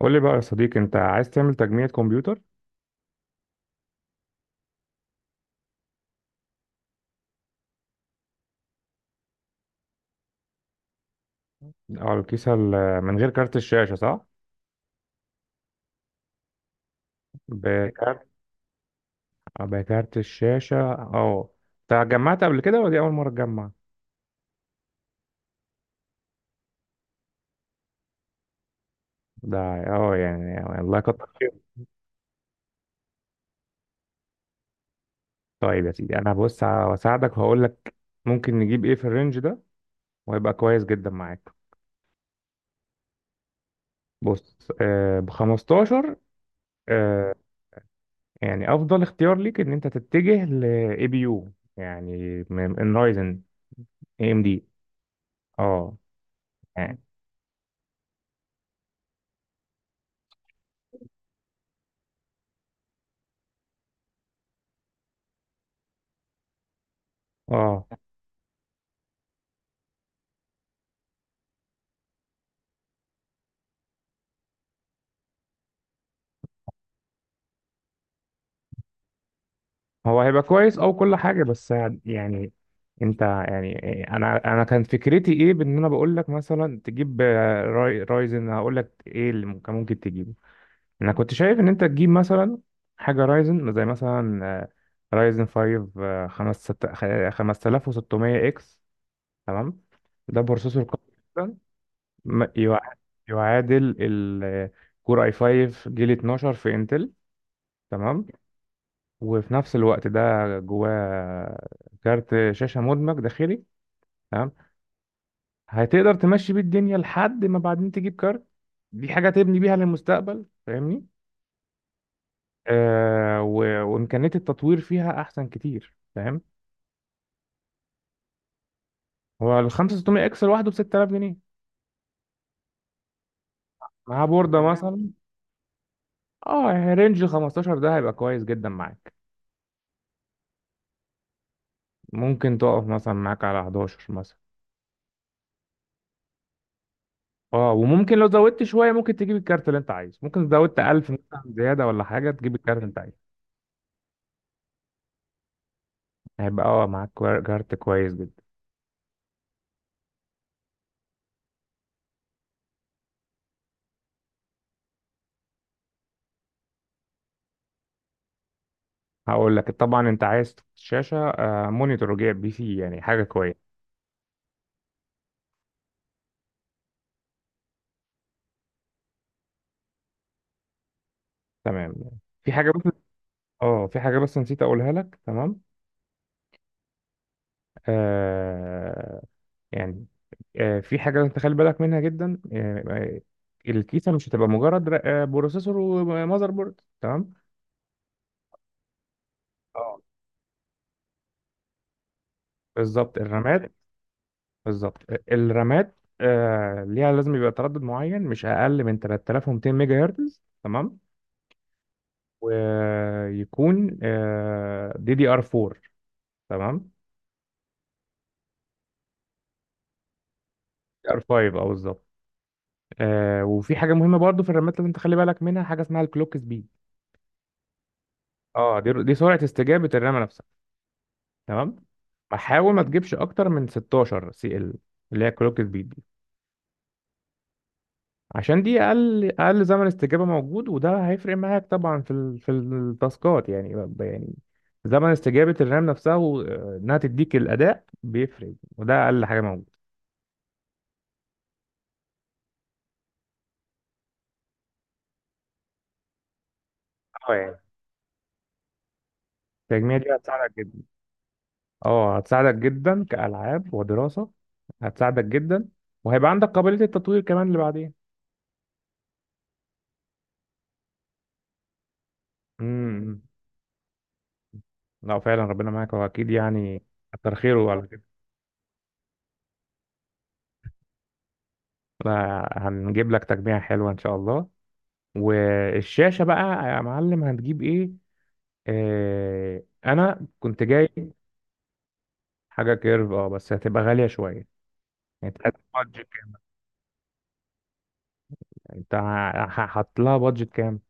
قول لي بقى يا صديقي، انت عايز تعمل تجميع كمبيوتر. على الكيسة من غير كارت الشاشة، صح؟ بكارت. اه، بكارت الشاشة. اه، انت جمعت قبل كده ولا دي أول مرة تجمع؟ ده اه يعني الله يكتر خير. طيب يا سيدي، انا بص هساعدك وهقول لك ممكن نجيب ايه في الرينج ده، وهيبقى كويس جدا معاك. بص آه ب 15. آه يعني افضل اختيار ليك ان انت تتجه ل اي بي يو، يعني من رايزن اي ام دي. اه يعني اه، هو هيبقى كويس او كل حاجه. بس يعني انت يعني انا كان فكرتي ايه، بان انا بقول لك مثلا تجيب آه، رايزن. هقول لك ايه اللي ممكن كان ممكن تجيبه. انا كنت شايف ان انت تجيب مثلا حاجه رايزن، زي مثلا آه، رايزن 5 آه، 5600 اكس. تمام، ده بروسيسور قوي جدا. ما- يع- يعادل الكور اي 5 جيل 12 في انتل. تمام، وفي نفس الوقت ده جواه كارت شاشة مدمج داخلي. تمام، هتقدر تمشي بيه الدنيا لحد ما بعدين تجيب كارت. دي حاجة تبني بيها للمستقبل، فاهمني. آه وإمكانية التطوير فيها أحسن كتير، فاهم. هو ال 5600 اكس لوحده ب 6000 جنيه، مع بوردة مثلا. اه يعني رينج 15 ده هيبقى كويس جدا معاك. ممكن تقف مثلا معاك على 11 مثلا. اه، وممكن لو زودت شوية ممكن تجيب الكارت اللي انت عايزه، ممكن زودت 1000 مثلا زيادة ولا حاجة تجيب الكارت اللي انت عايزه. هيبقى اه معاك كارت كويس جدا. هقول لك طبعا، انت عايز شاشة آه، مونيتور جايب بي سي، يعني حاجة كويسة. تمام، في حاجة بس. اه في حاجة بس نسيت اقولها لك. تمام آه يعني آه، في حاجة لازم تخلي بالك منها جدا. آه آه، الكيسة مش هتبقى مجرد بروسيسور ومذر بورد. تمام، اه بالظبط الرامات. بالظبط، الرامات آه ليها لازم يبقى تردد معين، مش اقل من 3200 ميجا هرتز. تمام، ويكون دي دي ار 4. تمام، دي ار 5 اه بالظبط. آه، وفي حاجه مهمه برضو في الرامات لازم تخلي بالك منها، حاجه اسمها الكلوك سبيد. اه، دي دي سرعه استجابه الرامه نفسها. تمام، ما حاول ما تجيبش اكتر من 16 سي ال، اللي هي الكلوك سبيد دي. عشان دي اقل زمن استجابه موجود، وده هيفرق معاك طبعا في التاسكات، يعني زمن استجابه الرام نفسها وانها تديك الاداء بيفرق، وده اقل حاجه موجوده. اه يعني التجميع دي هتساعدك. اه هتساعدك جدا كألعاب ودراسة. هتساعدك جدا، وهيبقى عندك قابلية التطوير كمان اللي بعدين. امم. لا فعلا ربنا معاك، واكيد يعني كتر خيره على كده. لا، هنجيب لك تجميع حلوة ان شاء الله. والشاشة بقى، يا معلم هنجيب ايه؟ آه انا كنت جاي. حاجة كيرف، اه بس هتبقى غالية شوية يعني. انت عايز بادجت كام؟ هحط لها بادجت كام؟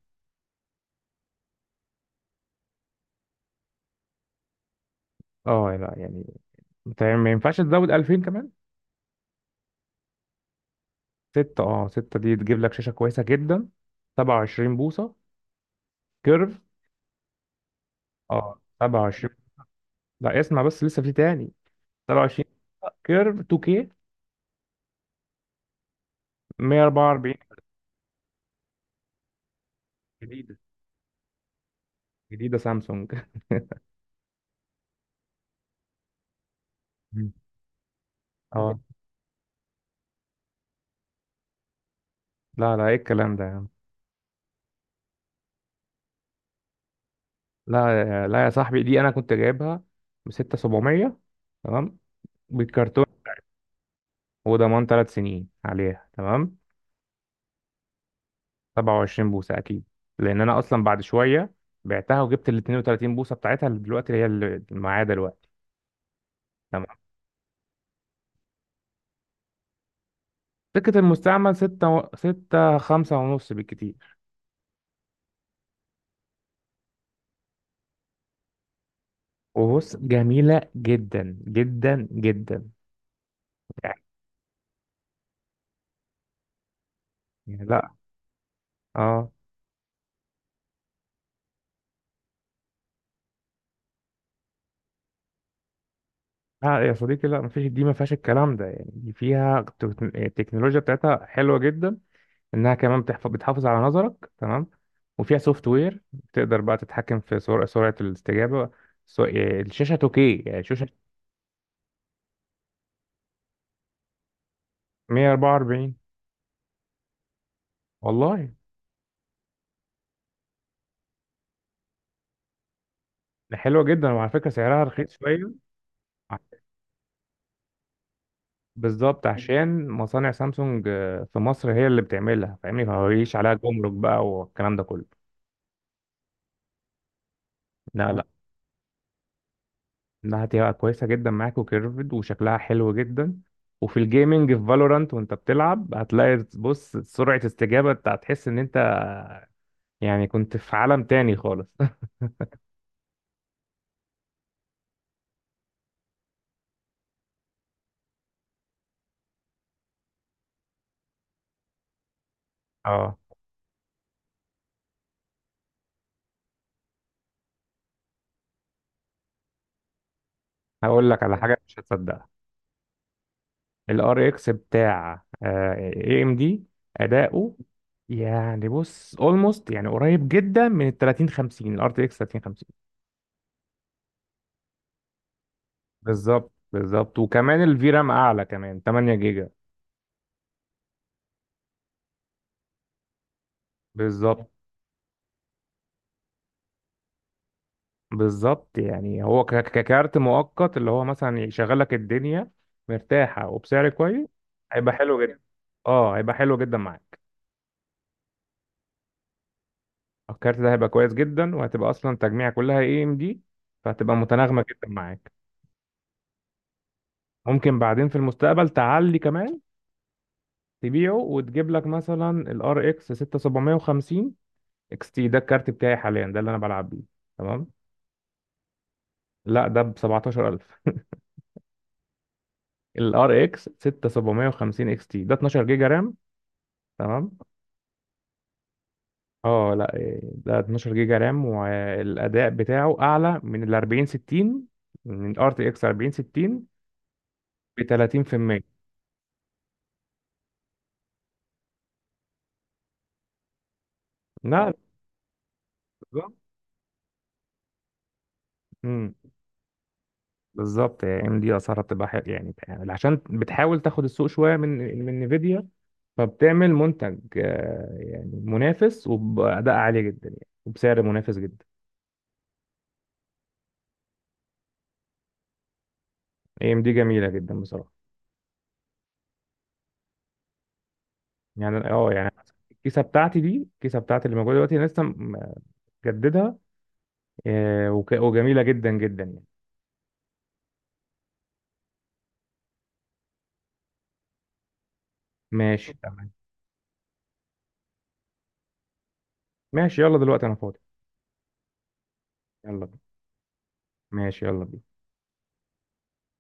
اه لا يعني، انت ما ينفعش تزود 2000 كمان. ستة، اه ستة دي تجيب لك شاشة كويسة جدا. 27 بوصة كيرف. اه 27. لا، اسمع بس لسه في تاني. 27 كيرف 2K 144. جديدة. جديدة سامسونج. مم. اه. لا لا، ايه الكلام ده يا عم. لا لا يا صاحبي، دي انا كنت جايبها ب 6700. تمام، بالكرتون، وضمان 3 سنين عليها. تمام، 27 بوصة اكيد. لان انا اصلا بعد شوية بعتها، وجبت ال 32 بوصة بتاعتها اللي دلوقتي هي اللي معايا دلوقتي. سكة المستعمل ستة خمسة ونص بالكتير. وبص، جميلة جدا جدا جدا. يعني، يعني لا اه لا، يا صديقي لا مفيش. دي ما فيهاش الكلام ده يعني. دي فيها التكنولوجيا بتاعتها حلوة جدا. انها كمان بتحافظ على نظرك. تمام، وفيها سوفت وير تقدر بقى تتحكم في سرعة الاستجابة. سو... آه، الشاشة 2K يعني شاشة 144. والله، ده حلوة جدا، وعلى فكرة سعرها رخيص شوية. بالظبط، عشان مصانع سامسونج آه، في مصر هي اللي بتعملها فاهمني، فما بيجيش عليها جمرك بقى والكلام ده كله. لا اه لا، انها هتبقى كويسه جدا معاك، وكيرفد وشكلها حلو جدا. وفي الجيمنج في فالورانت وانت بتلعب، هتلاقي بص سرعه استجابه، انت هتحس ان انت يعني كنت في عالم تاني خالص. اه، هقول لك على حاجه مش هتصدقها. الار اكس بتاع اي ام دي، اداؤه يعني بص اولموست يعني قريب جدا من ال 30 50، الار تي اكس 30. بالظبط بالظبط، وكمان الفي رام اعلى، كمان 8 جيجا. بالظبط، بالظبط يعني هو ككارت مؤقت اللي هو مثلا يشغل لك الدنيا مرتاحه وبسعر كويس. هيبقى حلو جدا. اه هيبقى حلو جدا معاك. الكارت ده هيبقى كويس جدا، وهتبقى اصلا تجميع كلها اي ام دي، فهتبقى متناغمه جدا معاك. ممكن بعدين في المستقبل تعلي كمان، تبيعه وتجيب لك مثلا الار اكس 6750 اكس تي. ده الكارت بتاعي حاليا، ده اللي انا بلعب بيه. تمام. لا ده ب 17,000. الار اكس 6750 اكس تي ده 12 جيجا رام. تمام اه لا إيه، ده 12 جيجا رام، والاداء بتاعه اعلى من ال 40 60، من الار تي اكس 40 60 ب 30%. لا بالظبط. امم. بالظبط يعني ام دي اسعارها بتبقى حلوه يعني، عشان بتحاول تاخد السوق شويه من نفيديا. فبتعمل منتج آه يعني منافس، وباداء عالي جدا يعني، وبسعر منافس جدا. اي ام دي جميله جدا بصراحه. يعني اه يعني الكيسه بتاعتي دي، الكيسه بتاعتي اللي موجوده دلوقتي انا لسه مجددها. آه وجميله جدا جدا يعني. ماشي تمام. ماشي يلا دلوقتي انا فاضي. يلا. ماشي يلا.